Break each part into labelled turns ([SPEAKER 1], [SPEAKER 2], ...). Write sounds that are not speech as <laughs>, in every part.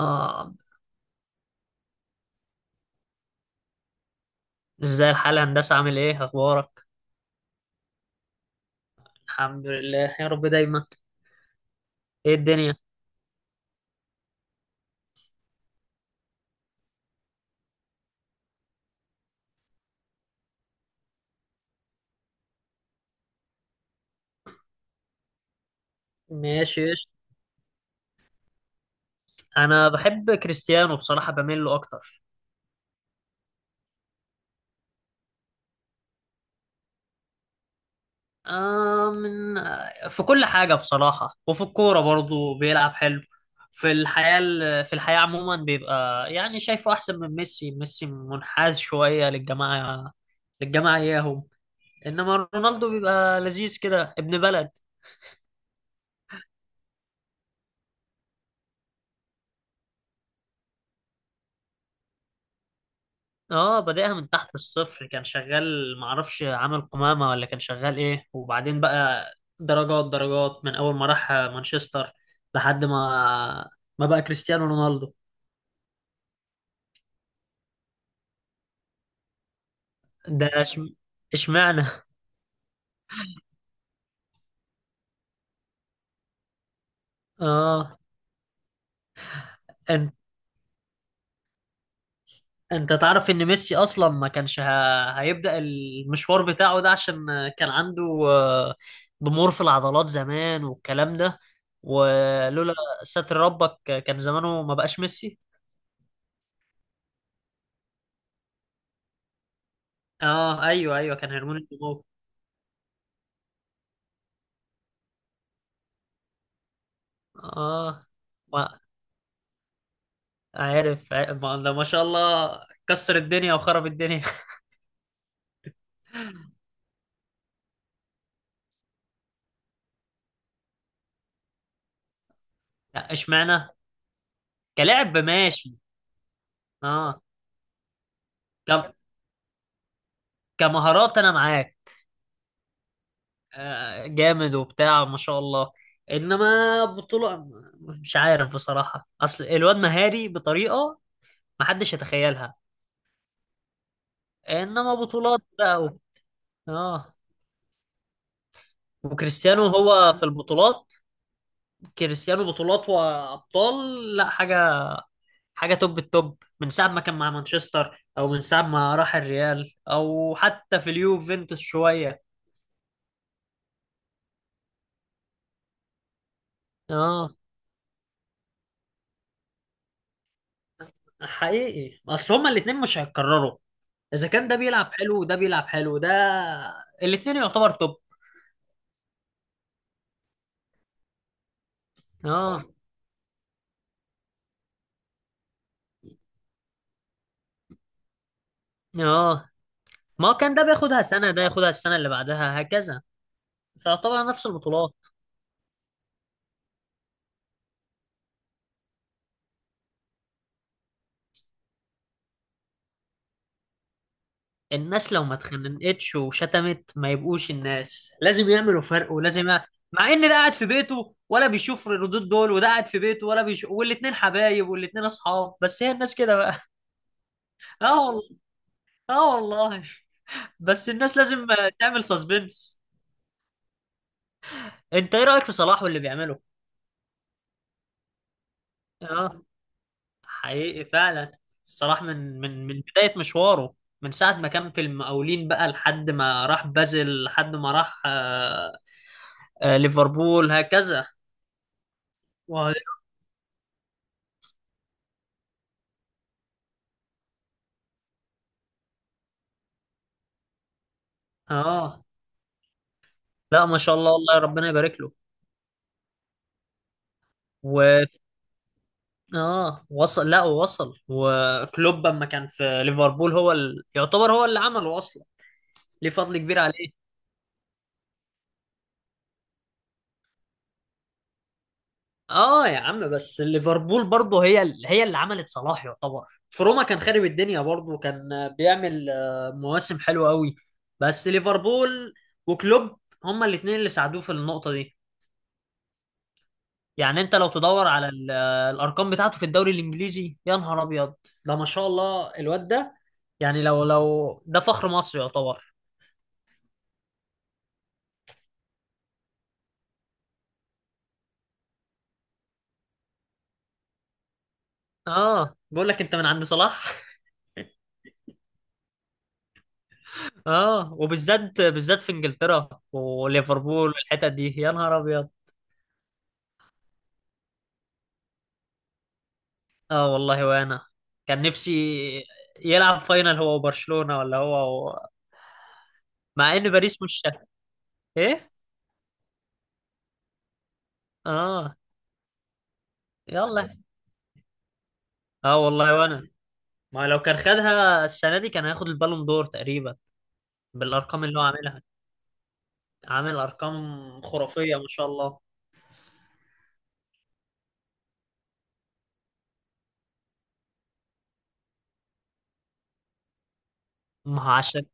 [SPEAKER 1] آه. ازاي الحال يا هندسة؟ عامل ايه؟ اخبارك؟ الحمد لله يا رب دايما. ايه الدنيا؟ ماشي قشطة. انا بحب كريستيانو بصراحة، بميل له اكتر. آه من آه، في كل حاجة بصراحة، وفي الكورة برضه بيلعب حلو. في الحياة في الحياة عموما بيبقى يعني شايفه احسن من ميسي. ميسي منحاز شوية للجماعة اياهم. انما رونالدو بيبقى لذيذ كده، ابن بلد. اه، بادئها من تحت الصفر، كان شغال معرفش عامل قمامة ولا كان شغال ايه، وبعدين بقى درجات درجات، من اول ما راح مانشستر لحد ما بقى كريستيانو رونالدو. ده اشمعنى؟ <laughs> اه، انت انت تعرف ان ميسي اصلا ما كانش هيبدأ المشوار بتاعه ده؟ عشان كان عنده ضمور في العضلات زمان والكلام ده، ولولا ستر ربك كان زمانه ما بقاش ميسي. اه، ايوه، ايوه، كان هرمون النمو. اه، ما عارف ما ده ما شاء الله، كسر الدنيا وخرب الدنيا. <laughs> لا، اشمعنى؟ كلاعب ماشي. اه، ك... كمهارات انا معاك. آه، جامد وبتاع ما شاء الله، انما بطولة مش عارف بصراحة، اصل الواد مهاري بطريقة ما حدش يتخيلها، انما بطولات بقى اه، وكريستيانو هو في البطولات. كريستيانو بطولات وابطال، لا حاجة، حاجه توب التوب من ساعه ما كان مع مانشستر او من ساعه ما راح الريال او حتى في اليوفنتوس شويه. اه، حقيقي، اصل هما الاثنين مش هيتكرروا. اذا كان ده بيلعب حلو وده بيلعب حلو، ده الاثنين يعتبر توب. اه، اه، ما هو كان ده بياخدها سنه، ده ياخدها السنه اللي بعدها، هكذا، تعتبر نفس البطولات. الناس لو ما اتخنقتش وشتمت ما يبقوش الناس، لازم يعملوا فرق ولازم مع ان ده قاعد في بيته ولا بيشوف الردود دول، وده قاعد في بيته ولا بيشوف، والاتنين حبايب والاتنين اصحاب، بس هي الناس كده بقى. <laughs> اه، والله، اه، والله. بس الناس لازم تعمل سسبنس. انت ايه رأيك في صلاح واللي بيعمله؟ اه، حقيقي فعلا. صلاح من بداية مشواره، من ساعة ما كان في المقاولين بقى لحد ما راح بازل لحد ما راح ليفربول هكذا. اه، لا، ما شاء الله والله، ربنا يبارك له. و اه، وصل، لا وصل، وكلوب لما كان في ليفربول، هو يعتبر هو اللي عمله اصلا، ليه فضل كبير عليه. اه، يا عم، بس ليفربول برضه هي اللي عملت صلاح يعتبر. في روما كان خارب الدنيا برضه، كان بيعمل مواسم حلوه قوي، بس ليفربول وكلوب هما الاثنين اللي ساعدوه في النقطه دي. يعني انت لو تدور على الارقام بتاعته في الدوري الانجليزي، يا نهار ابيض، ده ما شاء الله الواد ده. يعني لو ده فخر مصر يعتبر. اه، بيقول لك انت من عند صلاح. <laughs> اه، وبالذات بالذات في انجلترا وليفربول والحتت دي، يا نهار ابيض. اه، والله وانا كان نفسي يلعب فاينل هو وبرشلونة، ولا هو مع ان باريس مش. ايه؟ اه، يلا، اه، والله وانا، ما لو كان خدها السنة دي كان هياخد البالون دور تقريبا، بالارقام اللي هو عاملها، عامل ارقام خرافية ما شاء الله. ما هو عشان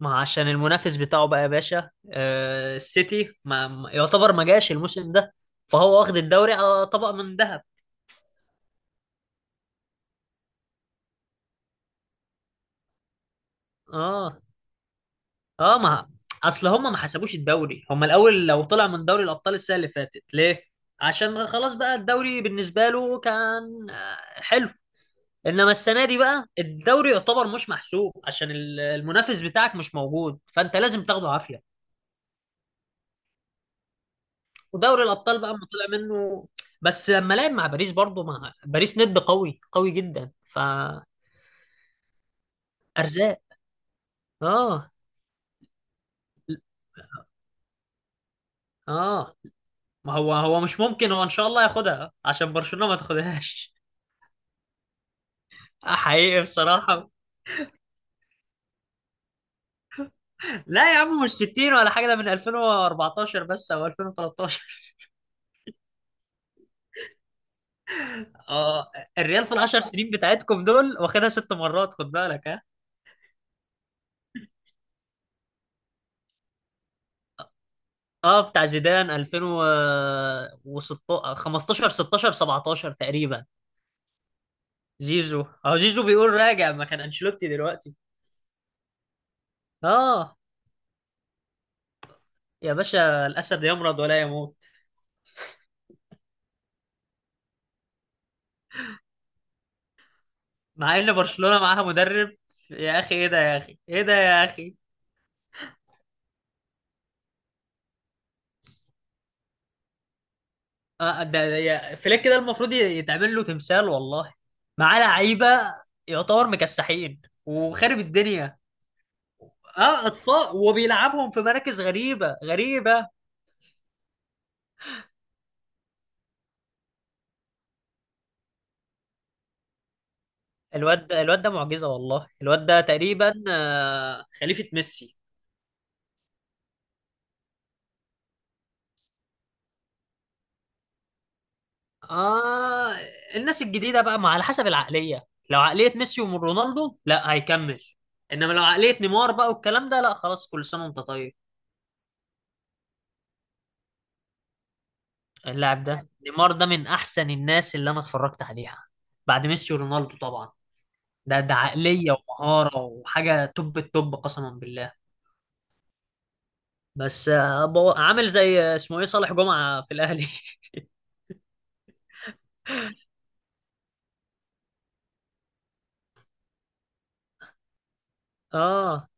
[SPEAKER 1] ما عشان المنافس بتاعه بقى يا باشا، السيتي يعتبر ما جاش الموسم ده، فهو واخد الدوري على طبق من ذهب. اه، اه، ما اصل هم ما حسبوش الدوري، هم الاول لو طلع من دوري الابطال السنه اللي فاتت ليه. عشان خلاص بقى الدوري بالنسبه له كان حلو، انما السنه دي بقى الدوري يعتبر مش محسوب، عشان المنافس بتاعك مش موجود، فانت لازم تاخده عافيه، ودوري الابطال بقى ما طلع منه. بس لما لعب مع باريس برضه، مع باريس ند قوي قوي جدا فارزاق. اه، اه، ما هو هو مش ممكن، هو ان شاء الله ياخدها عشان برشلونة ما تاخدهاش. <laughs> حقيقي بصراحة. لا يا عم، مش 60 ولا حاجة، ده من 2014 بس او 2013. اه، الريال في العشر سنين بتاعتكم دول واخدها 6 مرات، خد بالك، ها. اه، بتاع زيدان، 2015، 15، 16، 17 تقريبا. زيزو اهو، زيزو بيقول راجع مكان انشيلوتي دلوقتي. اه، يا باشا، الاسد يمرض ولا يموت. مع ان برشلونة معاها مدرب، يا اخي ايه ده، يا اخي ايه ده، يا اخي، يا فليك ده المفروض يتعمل له تمثال والله. معاه لعيبة، يعتبر مكسحين وخارب الدنيا. اه، اطفال وبيلعبهم في مراكز غريبة غريبة. الواد ده، الواد ده معجزة والله. الواد ده تقريبا خليفة ميسي. آه الناس الجديدة بقى، ما على حسب العقلية، لو عقلية ميسي ورونالدو لا هيكمل، إنما لو عقلية نيمار بقى والكلام ده، لا خلاص كل سنة وأنت طيب. اللاعب ده نيمار ده من أحسن الناس اللي أنا اتفرجت عليها بعد ميسي ورونالدو طبعا. ده عقلية ومهارة وحاجة توب التوب قسما بالله. بس عامل زي اسمه إيه، صالح جمعة في الأهلي. <laughs> آه،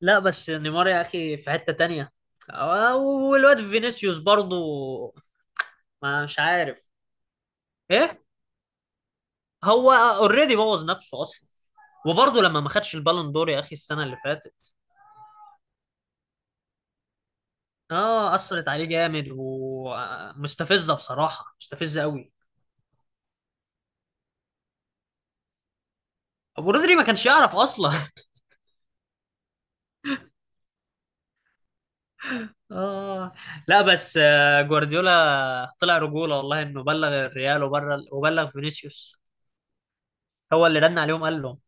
[SPEAKER 1] لا، بس نيمار يا أخي في حتة تانية. والواد فينيسيوس برضه، ما مش عارف. إيه؟ هو اوريدي بوظ نفسه اصلا، وبرضه لما ما خدش البالون دور يا اخي السنه اللي فاتت. اه، اثرت عليه جامد، ومستفزه بصراحه، مستفزه قوي. ابو رودري ما كانش يعرف اصلا. <laughs> اه، لا، بس جوارديولا طلع رجوله والله، انه بلغ الريال وبلغ وبلغ فينيسيوس، هو اللي رن عليهم قال لهم.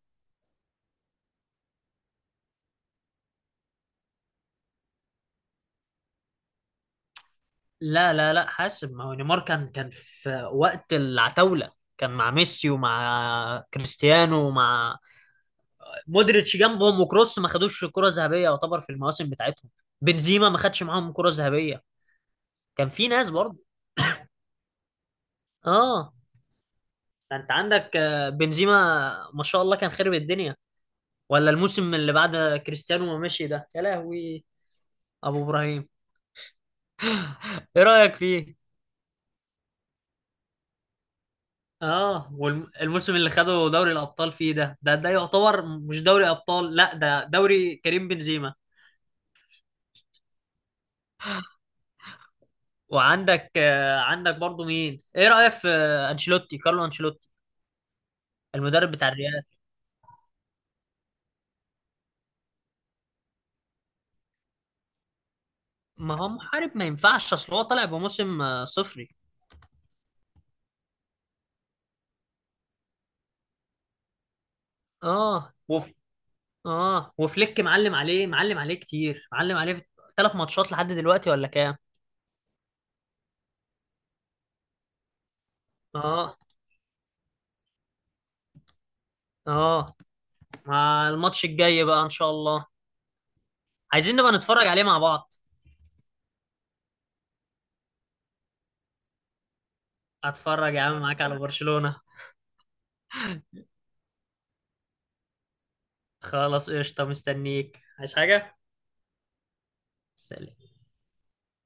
[SPEAKER 1] لا، لا، لا، حاسب، ما هو نيمار كان في وقت العتاوله، كان مع ميسي ومع كريستيانو ومع مودريتش جنبهم وكروس ما خدوش كرة ذهبية، يعتبر في المواسم بتاعتهم بنزيما ما خدش معاهم كرة ذهبية، كان في ناس برضه. اه، انت عندك بنزيما، ما شاء الله كان خرب الدنيا، ولا الموسم اللي بعد كريستيانو ما مشي ده، يا لهوي، ابو ابراهيم. ايه رأيك فيه؟ اه، والموسم اللي خده دوري الابطال فيه، ده يعتبر مش دوري ابطال، لا، ده دوري كريم بنزيما. وعندك عندك برضه مين، ايه رأيك في انشيلوتي، كارلو انشيلوتي، المدرب بتاع الريال؟ ما هو محارب ما ينفعش، اصل هو طالع بموسم صفري. اه، وفليك معلم عليه، معلم عليه كتير، معلم عليه في 3 ماتشات لحد دلوقتي ولا كام. اه، اه، مع الماتش الجاي بقى ان شاء الله عايزين نبقى نتفرج عليه مع بعض. اتفرج يا عم معاك على برشلونة. خلاص قشطة، مستنيك، عايز حاجة؟ سلام.